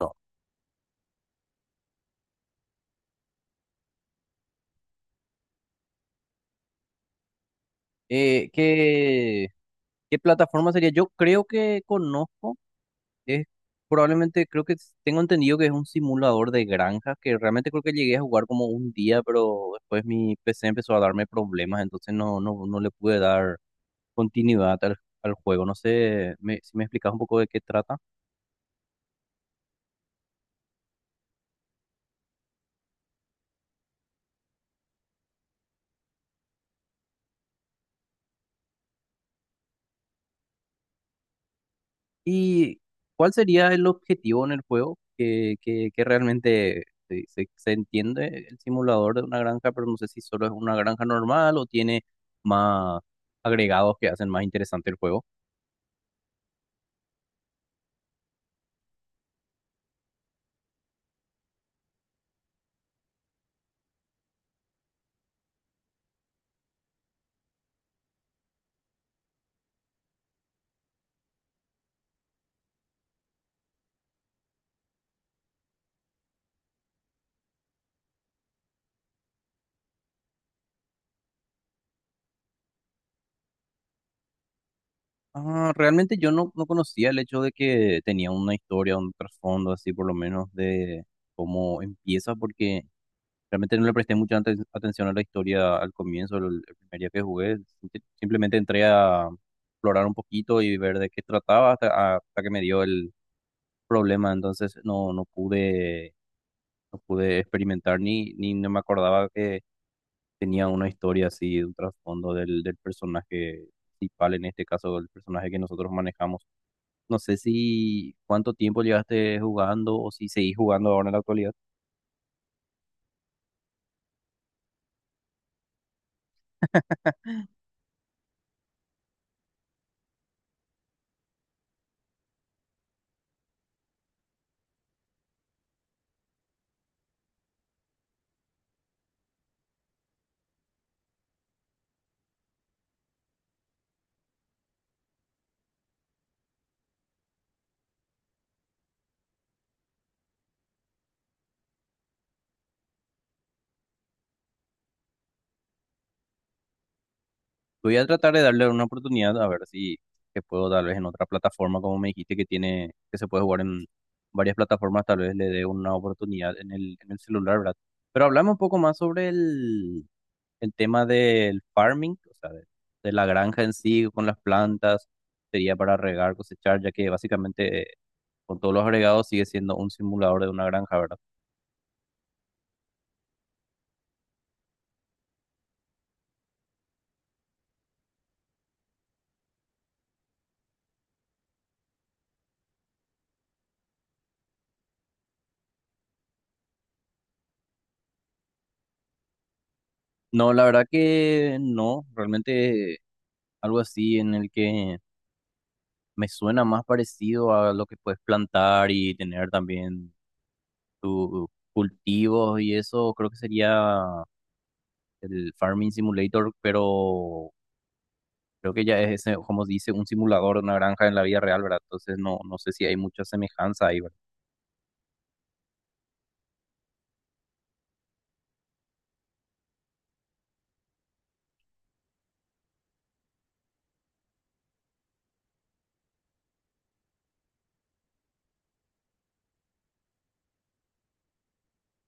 No. ¿Qué, qué plataforma sería? Yo creo que conozco, es probablemente, creo que tengo entendido que es un simulador de granja, que realmente creo que llegué a jugar como un día, pero después mi PC empezó a darme problemas, entonces no le pude dar continuidad al juego. No sé si me explicas un poco de qué trata. ¿Y cuál sería el objetivo en el juego? Que realmente se entiende el simulador de una granja, pero no sé si solo es una granja normal o tiene más agregados que hacen más interesante el juego. Ah, realmente yo no conocía el hecho de que tenía una historia, un trasfondo así por lo menos de cómo empieza, porque realmente no le presté mucha atención a la historia al comienzo, el primer día que jugué. Simplemente entré a explorar un poquito y ver de qué trataba hasta que me dio el problema. Entonces no pude, no pude experimentar ni no me acordaba que tenía una historia así, un trasfondo del personaje principal, en este caso el personaje que nosotros manejamos. No sé si cuánto tiempo llevaste jugando o si seguís jugando ahora en la actualidad. Voy a tratar de darle una oportunidad a ver si que puedo tal vez en otra plataforma, como me dijiste que tiene, que se puede jugar en varias plataformas, tal vez le dé una oportunidad en el celular, ¿verdad? Pero hablamos un poco más sobre el tema del farming, o sea, de la granja en sí, con las plantas, sería para regar, cosechar, ya que básicamente con todos los agregados sigue siendo un simulador de una granja, ¿verdad? No, la verdad que no, realmente algo así en el que me suena más parecido a lo que puedes plantar y tener también tus cultivos y eso. Creo que sería el Farming Simulator, pero creo que ya es ese, como dice, un simulador de una granja en la vida real, ¿verdad? Entonces no, no sé si hay mucha semejanza ahí, ¿verdad?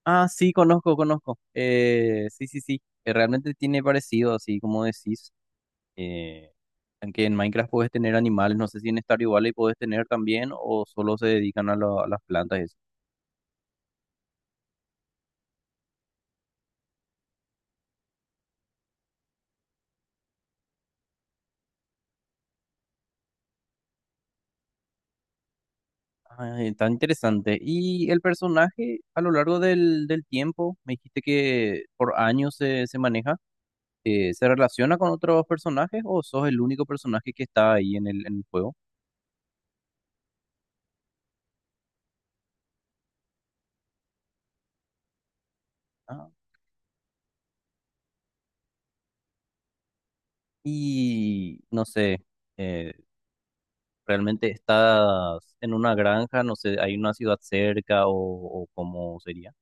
Ah, sí, conozco. Sí, sí. Realmente tiene parecido, así como decís. Eh, Aunque en Minecraft puedes tener animales, no sé si en Stardew Valley puedes tener también o solo se dedican a, a las plantas y eso. Ah, está interesante. Y el personaje a lo largo del tiempo, me dijiste que por años se maneja, ¿se relaciona con otros personajes o sos el único personaje que está ahí en el juego? Ah, y no sé, eh, ¿realmente estás en una granja? No sé, ¿hay una ciudad cerca o cómo sería?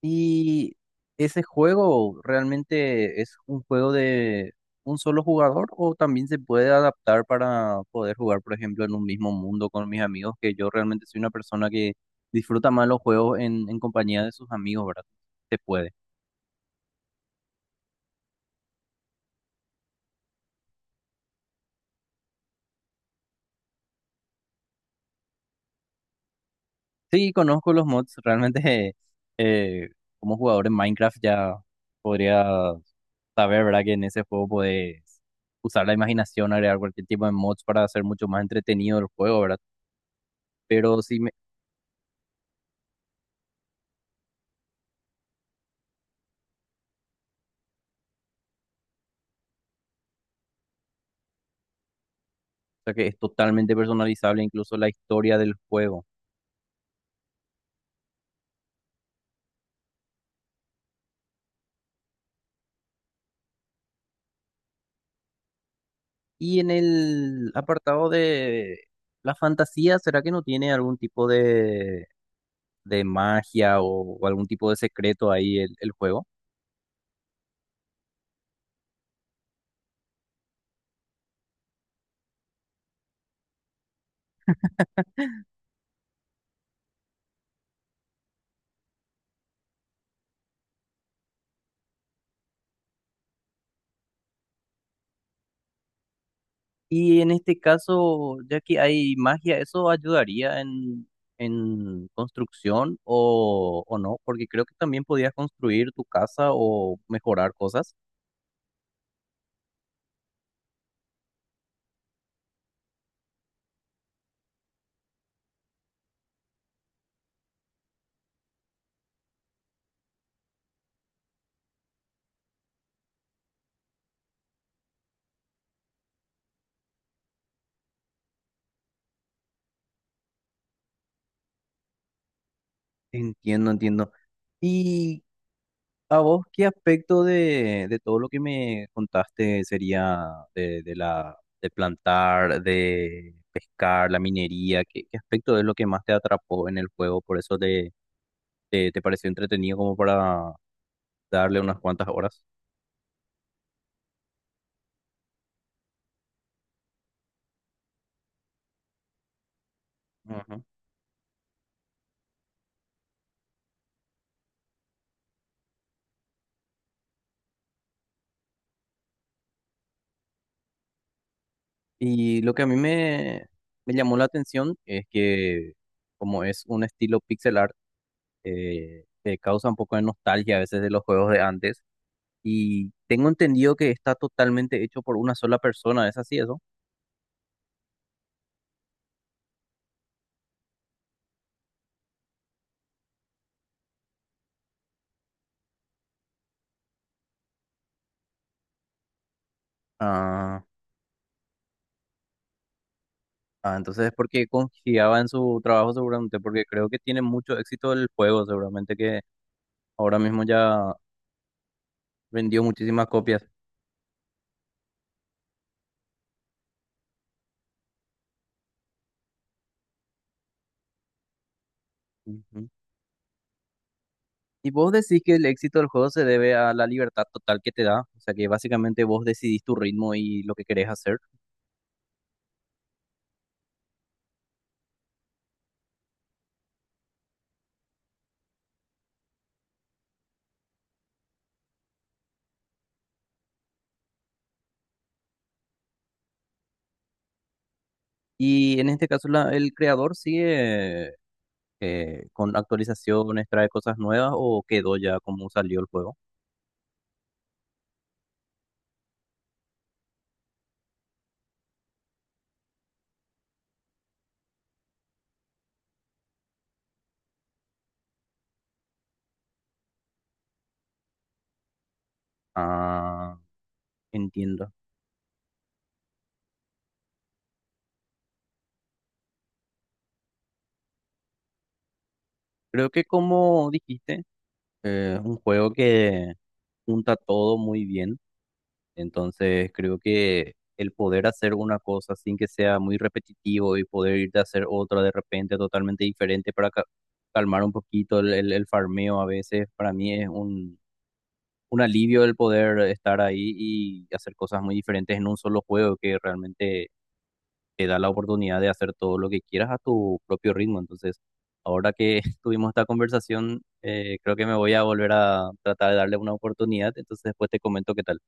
Y ese juego realmente es un juego de un solo jugador o también se puede adaptar para poder jugar, por ejemplo, en un mismo mundo con mis amigos, que yo realmente soy una persona que disfruta más los juegos en compañía de sus amigos, ¿verdad? Se puede. Sí, conozco los mods, realmente eh, como jugador en Minecraft ya podría saber, ¿verdad? Que en ese juego puedes usar la imaginación, agregar cualquier tipo de mods para hacer mucho más entretenido el juego, ¿verdad? Pero si sea que es totalmente personalizable incluso la historia del juego. Y en el apartado de la fantasía, ¿será que no tiene algún tipo de magia o algún tipo de secreto ahí el juego? Y en este caso, ya que hay magia, ¿eso ayudaría en construcción o no? Porque creo que también podías construir tu casa o mejorar cosas. Entiendo, entiendo. Y ¿a vos qué aspecto de todo lo que me contaste sería de la de plantar, de pescar, la minería? ¿Qué, qué aspecto es lo que más te atrapó en el juego? Por eso te pareció entretenido como para darle unas cuantas horas. Ujú. Y lo que a mí me llamó la atención es que como es un estilo pixel art, te causa un poco de nostalgia a veces de los juegos de antes. Y tengo entendido que está totalmente hecho por una sola persona, ¿es así eso? Ah, ah, entonces es porque confiaba en su trabajo seguramente, porque creo que tiene mucho éxito el juego, seguramente que ahora mismo ya vendió muchísimas copias. Ujú. Y vos decís que el éxito del juego se debe a la libertad total que te da, o sea que básicamente vos decidís tu ritmo y lo que querés hacer. Y en este caso el creador sigue con actualizaciones, trae cosas nuevas o quedó ya como salió el juego. Ah. Entiendo. Creo que como dijiste, un juego que junta todo muy bien. Entonces creo que el poder hacer una cosa sin que sea muy repetitivo y poder irte a hacer otra de repente totalmente diferente para calmar un poquito el farmeo a veces, para mí es un alivio el poder estar ahí y hacer cosas muy diferentes en un solo juego que realmente te da la oportunidad de hacer todo lo que quieras a tu propio ritmo. Entonces, ahora que tuvimos esta conversación, creo que me voy a volver a tratar de darle una oportunidad. Entonces, después te comento qué tal.